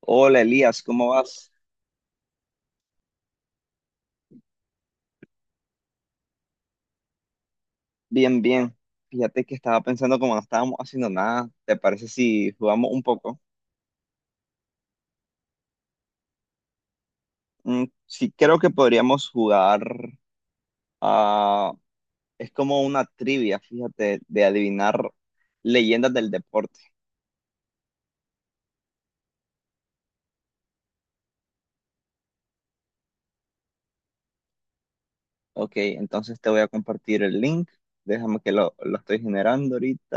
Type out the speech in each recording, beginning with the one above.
Hola Elías, ¿cómo vas? Bien, bien. Fíjate que estaba pensando como no estábamos haciendo nada, ¿te parece si jugamos un poco? Sí, creo que podríamos jugar a. Es como una trivia, fíjate, de adivinar leyendas del deporte. Ok, entonces te voy a compartir el link. Déjame que lo estoy generando ahorita.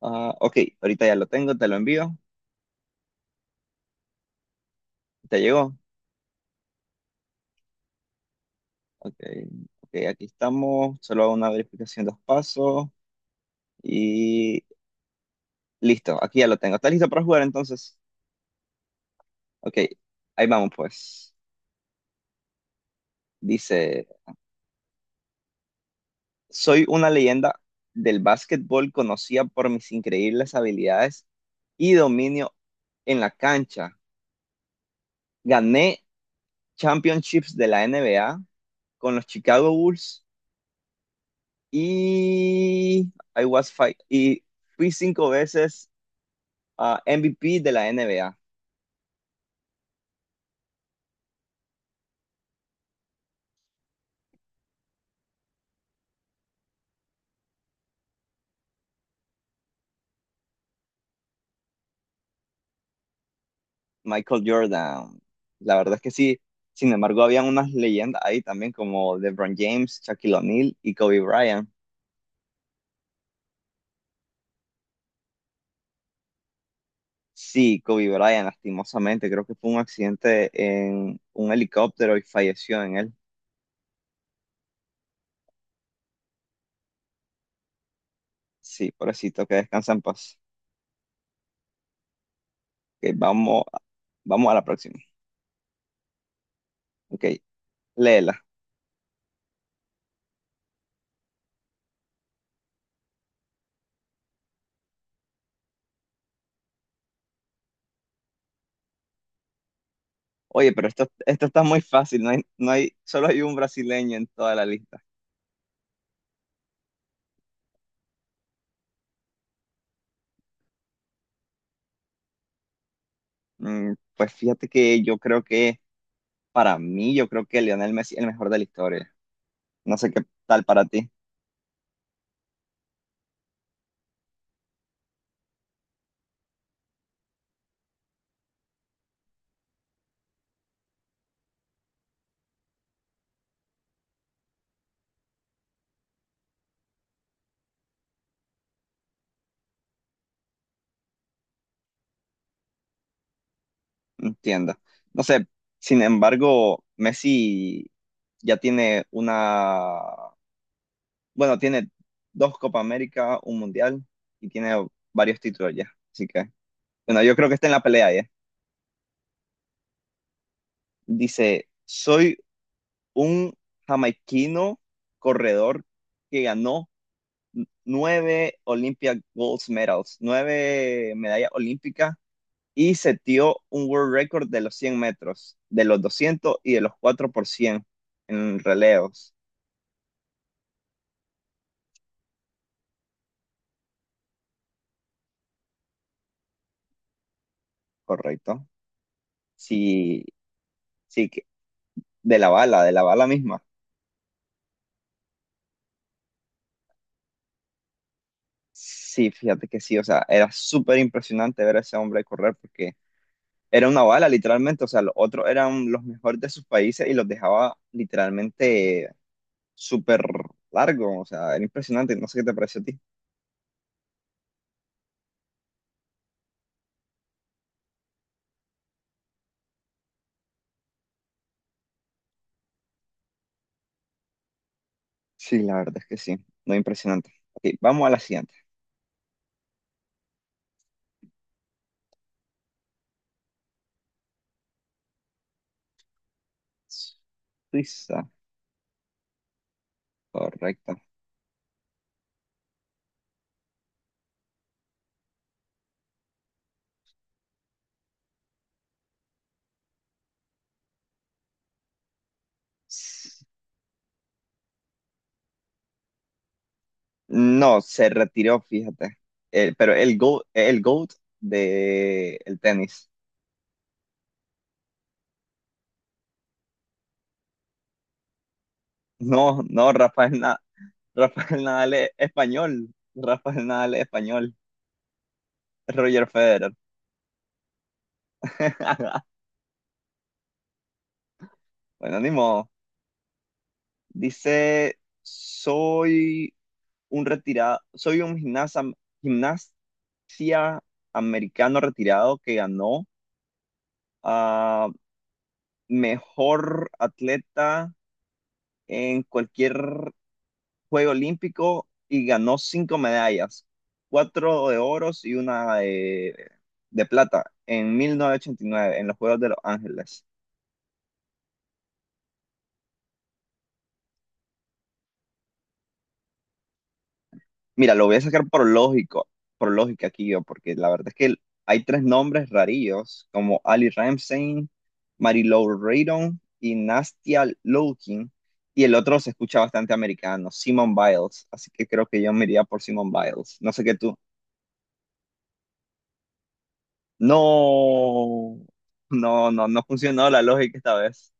Ah, ok, ahorita ya lo tengo, te lo envío. ¿Te llegó? Ok, ok, aquí estamos. Solo hago una verificación dos pasos. Y Listo, aquí ya lo tengo. ¿Estás listo para jugar entonces? Ok, ahí vamos pues. Dice, soy una leyenda del básquetbol conocida por mis increíbles habilidades y dominio en la cancha. Gané championships de la NBA con los Chicago Bulls y fui cinco veces MVP de la NBA. Michael Jordan. La verdad es que sí. Sin embargo, habían unas leyendas ahí también como LeBron James, Shaquille O'Neal y Kobe Bryant. Sí, Kobe Bryant, lastimosamente, creo que fue un accidente en un helicóptero y falleció en él. Sí, pobrecito, que descansa en paz. Ok, vamos a la próxima. Ok, léela. Oye, pero esto está muy fácil, no hay, solo hay un brasileño en toda la lista. Pues fíjate que yo creo que, para mí, yo creo que Lionel Messi es el mejor de la historia. No sé qué tal para ti, no entiendo. No sé, sin embargo, Messi ya tiene una, bueno, tiene dos Copa América, un Mundial y tiene varios títulos ya. Así que, bueno, yo creo que está en la pelea ya. Dice, soy un jamaiquino corredor que ganó nueve Olympia Gold Medals, nueve medallas olímpicas y setió un world record de los 100 metros, de los 200 y de los 4 por 100 en relevos, ¿correcto? Sí, sí, de la bala misma. Sí, fíjate que sí, o sea, era súper impresionante ver a ese hombre correr porque era una bala, literalmente, o sea, los otros eran los mejores de sus países y los dejaba literalmente súper largo, o sea, era impresionante, no sé qué te pareció a ti. Sí, la verdad es que sí, muy impresionante. Ok, vamos a la siguiente. Suiza. Correcto. S- No, se retiró, fíjate. Pero el GOAT de el tenis. No, no, Rafael, Rafael Nadal es español. Rafael Nadal es español. Roger Federer. Bueno, ni modo. Dice, soy un retirado, soy un gimnasta, gimnasia americano retirado que ganó a mejor atleta en cualquier Juego Olímpico y ganó cinco medallas, cuatro de oros y una de plata en 1989 en los Juegos de Los Ángeles. Mira, lo voy a sacar por lógico, por lógica aquí yo, porque la verdad es que hay tres nombres rarillos como Ali Ramsey, Marilou Reardon y Nastia Lowkin. Y el otro se escucha bastante americano, Simone Biles. Así que creo que yo me iría por Simone Biles. No sé qué tú. No, no, no, no funcionó la lógica esta vez.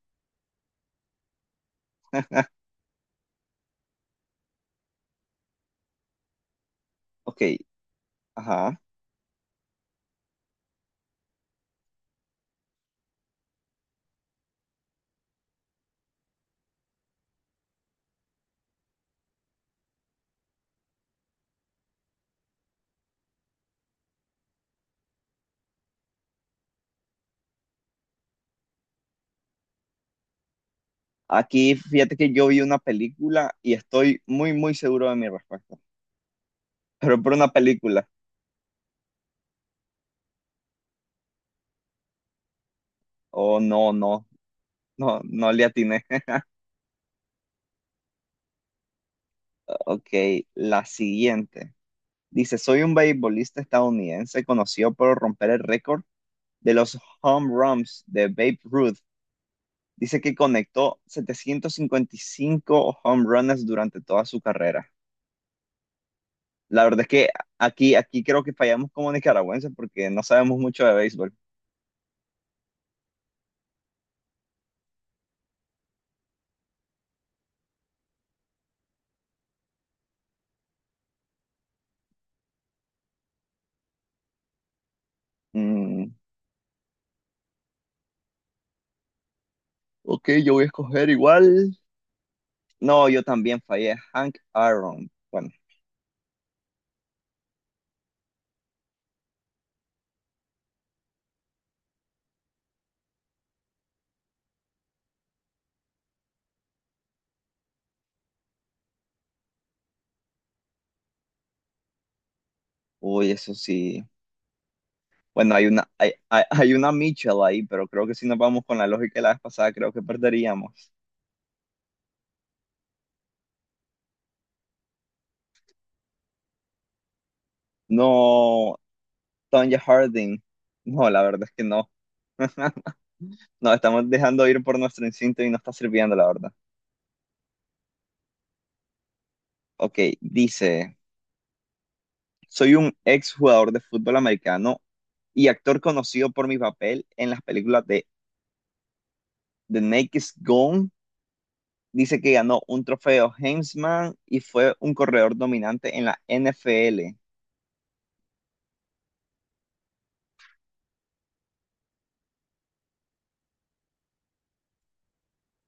Ok, ajá. Aquí fíjate que yo vi una película y estoy muy, muy seguro de mi respuesta. Pero por una película. Oh, no, no, no, no le atiné. Ok, la siguiente. Dice, soy un beisbolista estadounidense conocido por romper el récord de los home runs de Babe Ruth. Dice que conectó 755 home runs durante toda su carrera. La verdad es que aquí creo que fallamos como nicaragüenses porque no sabemos mucho de béisbol. Mm, ok, yo voy a escoger igual. No, yo también fallé. Hank Aaron. Bueno, uy, eso sí. Bueno, hay una Mitchell ahí, pero creo que si nos vamos con la lógica de la vez pasada, creo que perderíamos. No, Tonya Harding. No, la verdad es que no. Nos estamos dejando ir por nuestro instinto y no está sirviendo, la verdad. Ok, dice, soy un ex jugador de fútbol americano y actor conocido por mi papel en las películas de The Naked Gun. Dice que ganó un trofeo Heisman y fue un corredor dominante en la NFL.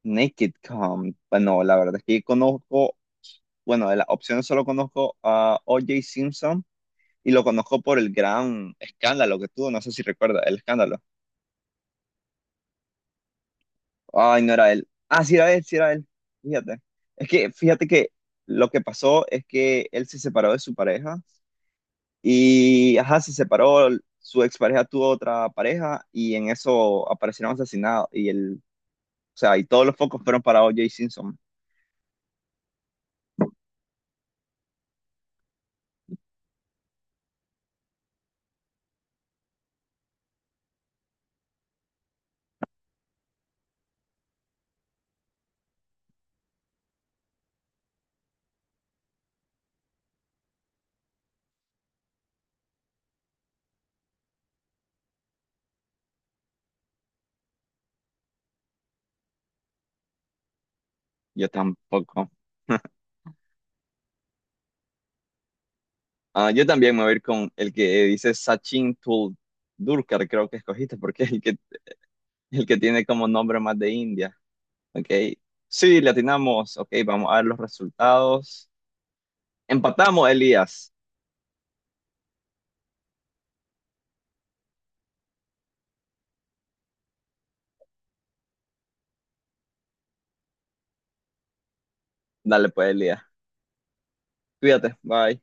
Naked Gun. Bueno, la verdad es que conozco, bueno, de las opciones solo conozco a O.J. Simpson y lo conozco por el gran escándalo que tuvo. No sé si recuerda el escándalo. Ay, no era él. Ah, sí era él, sí era él. Fíjate. Es que fíjate que lo que pasó es que él se separó de su pareja. Y, ajá, se separó, su expareja tuvo otra pareja y en eso aparecieron asesinados. O sea, y todos los focos fueron para O.J. Simpson. Yo tampoco. Ah, yo también me voy a ir con el que dice Sachin Tendulkar, creo que escogiste, porque es el que tiene como nombre más de India. Ok. Sí, le atinamos. Ok, vamos a ver los resultados. Empatamos, Elías. Dale pues, Elías. Cuídate, bye.